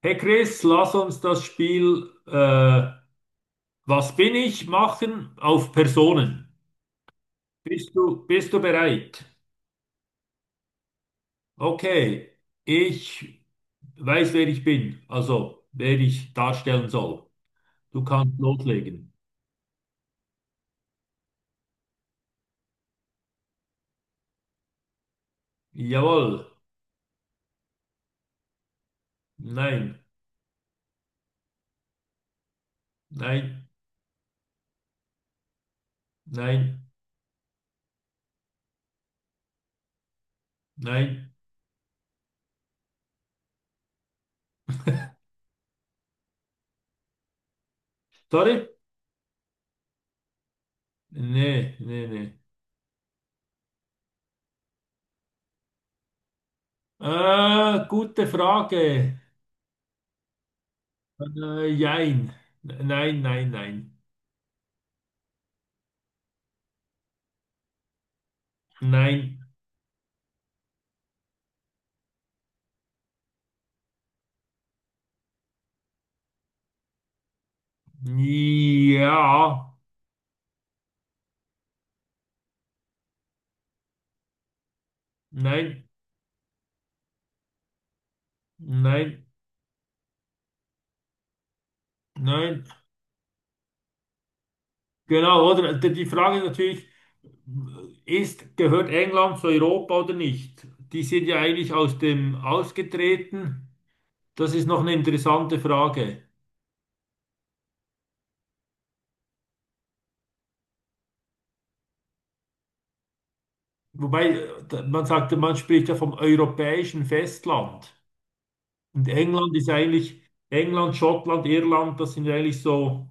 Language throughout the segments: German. Hey Chris, lass uns das Spiel was bin ich machen auf Personen. Bist du bereit? Okay, ich weiß, wer ich bin, also wer ich darstellen soll. Du kannst loslegen. Jawohl, nein, nein, nein, nein. Sorry? Nee, nee, nee. Gute Frage. Jein. Nein, nein, nein. Nein. Ja. Nein, nein, nein. Genau, oder? Die Frage ist natürlich, ist, gehört England zu Europa oder nicht? Die sind ja eigentlich aus dem ausgetreten. Das ist noch eine interessante Frage. Wobei, man sagt, man spricht ja vom europäischen Festland. Und England ist eigentlich, England, Schottland, Irland, das sind ja eigentlich so,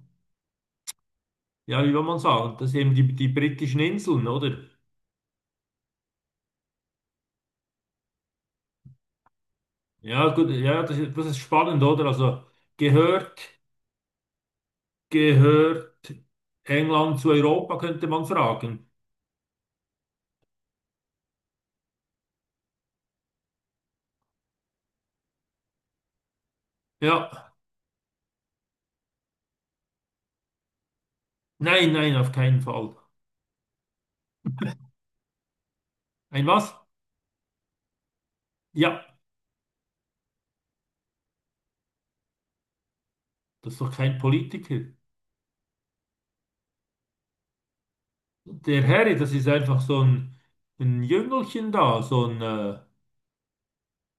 ja, wie will man sagen, das sind eben die, die britischen Inseln, oder? Ja, gut, ja, das ist spannend, oder? Also gehört. Gehört England zu Europa, könnte man fragen. Ja, nein, nein, auf keinen Fall. Ein was? Ja, das ist doch kein Politiker. Der Harry, das ist einfach so ein Jüngelchen da, so ein,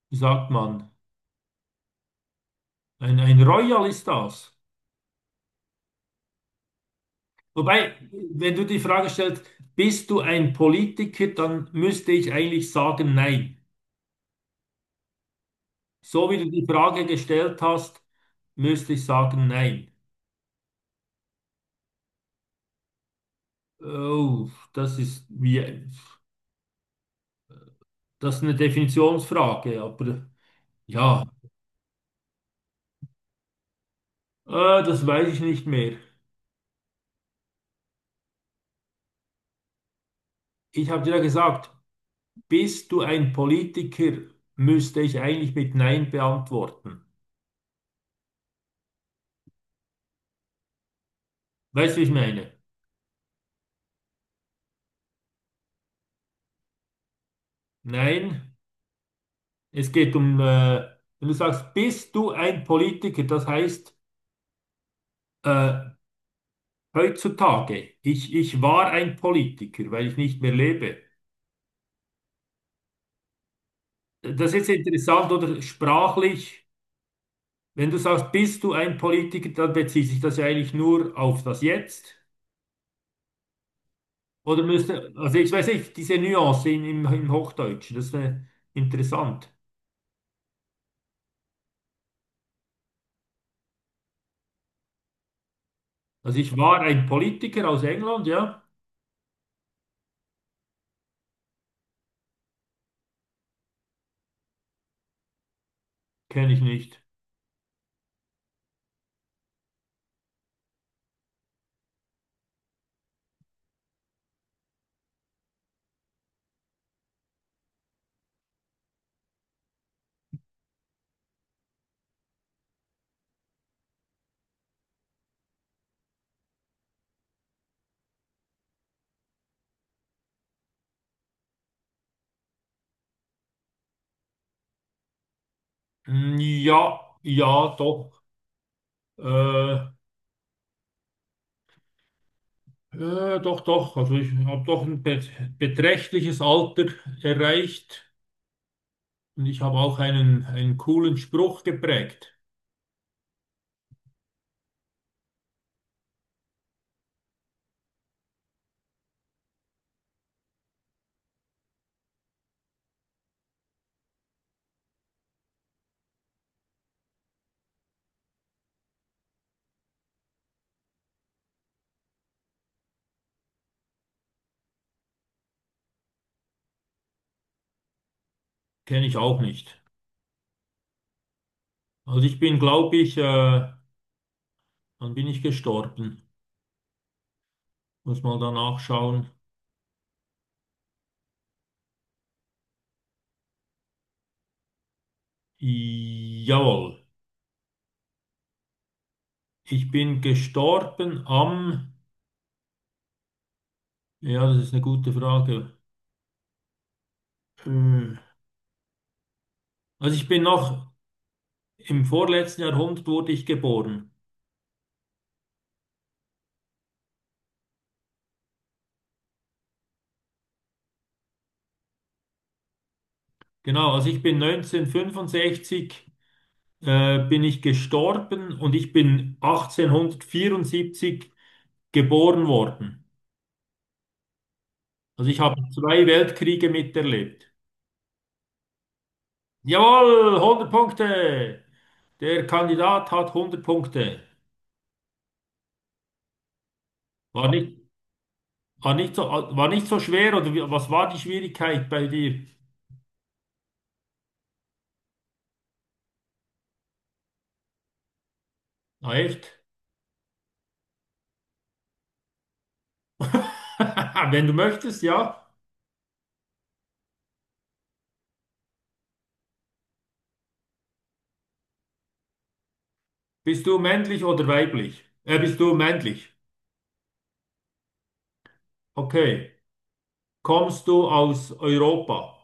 wie sagt man, ein Royal ist das. Wobei, wenn du die Frage stellst, bist du ein Politiker, dann müsste ich eigentlich sagen, nein. So wie du die Frage gestellt hast, müsste ich sagen, nein. Oh, das ist wie. Das ist eine Definitionsfrage, aber ja, äh, das weiß ich nicht mehr. Ich habe dir ja gesagt, bist du ein Politiker, müsste ich eigentlich mit Nein beantworten. Weißt du, wie ich meine? Nein, es geht um, wenn du sagst, bist du ein Politiker, das heißt, äh, heutzutage, ich war ein Politiker, weil ich nicht mehr lebe. Das ist interessant oder sprachlich. Wenn du sagst, bist du ein Politiker, dann bezieht sich das ja eigentlich nur auf das Jetzt. Oder müsste, also ich weiß nicht, diese Nuance im Hochdeutschen, das ist interessant. Also ich war ein Politiker aus England, ja, kenne ich nicht. Hm, ja, ja, doch, äh, doch, doch. Also ich habe doch ein beträchtliches Alter erreicht und ich habe auch einen, einen coolen Spruch geprägt. Kenne ich auch nicht. Also ich bin, glaube ich, wann bin ich gestorben? Muss mal danach schauen. Jawohl. Ich bin gestorben am, ja, das ist eine gute Frage. Äh, Also ich bin noch im vorletzten Jahrhundert wurde ich geboren. Genau, also ich bin 1965 bin ich gestorben und ich bin 1874 geboren worden. Also ich habe zwei Weltkriege miterlebt. Jawohl, 100 Punkte. Der Kandidat hat 100 Punkte. War nicht, war nicht so schwer oder wie, was war die Schwierigkeit bei dir? Na echt? Wenn du möchtest, ja. Bist du männlich oder weiblich? Bist du männlich? Okay. Kommst du aus Europa?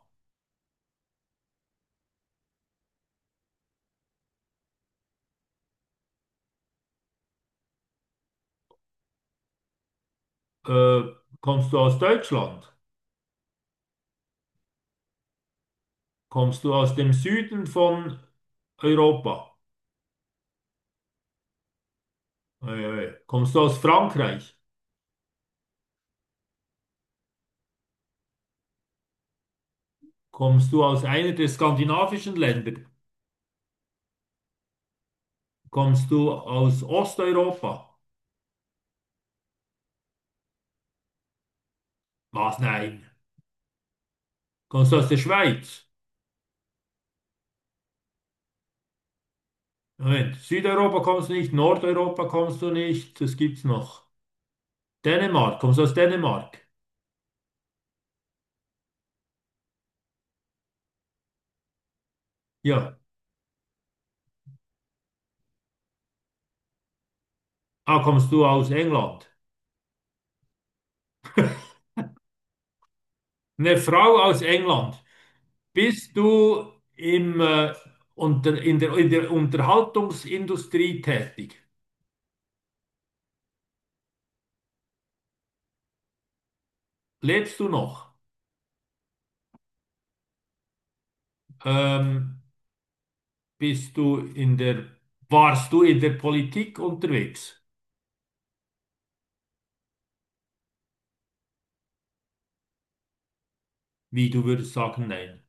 Äh, Kommst du aus Deutschland? Kommst du aus dem Süden von Europa? Ei, ei. Kommst du aus Frankreich? Kommst du aus einer der skandinavischen Länder? Kommst du aus Osteuropa? Was? Nein. Kommst du aus der Schweiz? Moment. Südeuropa kommst du nicht, Nordeuropa kommst du nicht. Das gibt's noch. Dänemark, kommst du aus Dänemark? Ja. Ah, kommst du aus England? Eine Frau aus England. Bist du im, unter, in der Unterhaltungsindustrie tätig? Lebst du noch? Ähm, bist du in der, warst du in der Politik unterwegs? Wie, du würdest sagen, nein.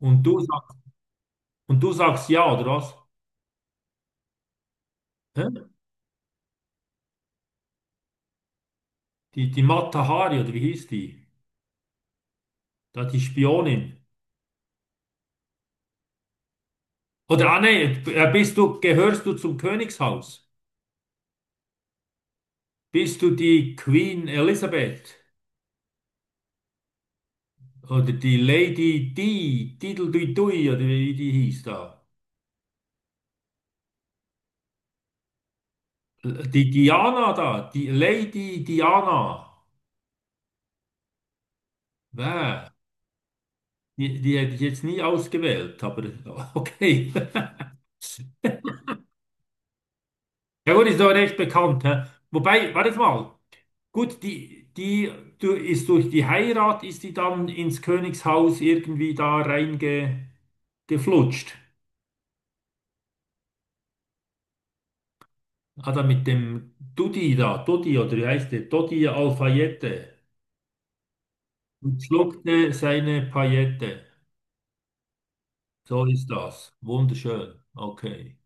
Und du, sag- und du sagst ja, oder was? Hä? Die, die Mata Hari, oder wie hieß die? Da die Spionin. Oder, ah, nee, bist du, gehörst du zum Königshaus? Bist du die Queen Elizabeth oder die Lady Di, Diddledui oder wie die hieß da? Die Diana da, die Lady Diana. Wer? Die, die hätte ich jetzt nie ausgewählt, aber okay. Ja gut, ist doch recht bekannt. Hä? Wobei, warte mal. Gut, die, die du, ist durch die Heirat, ist die dann ins Königshaus irgendwie da reingeflutscht. Ah, da mit dem Dudi da, Dudi oder wie heißt der? Dodi Alfayette und schluckte seine Paillette. So ist das. Wunderschön. Okay.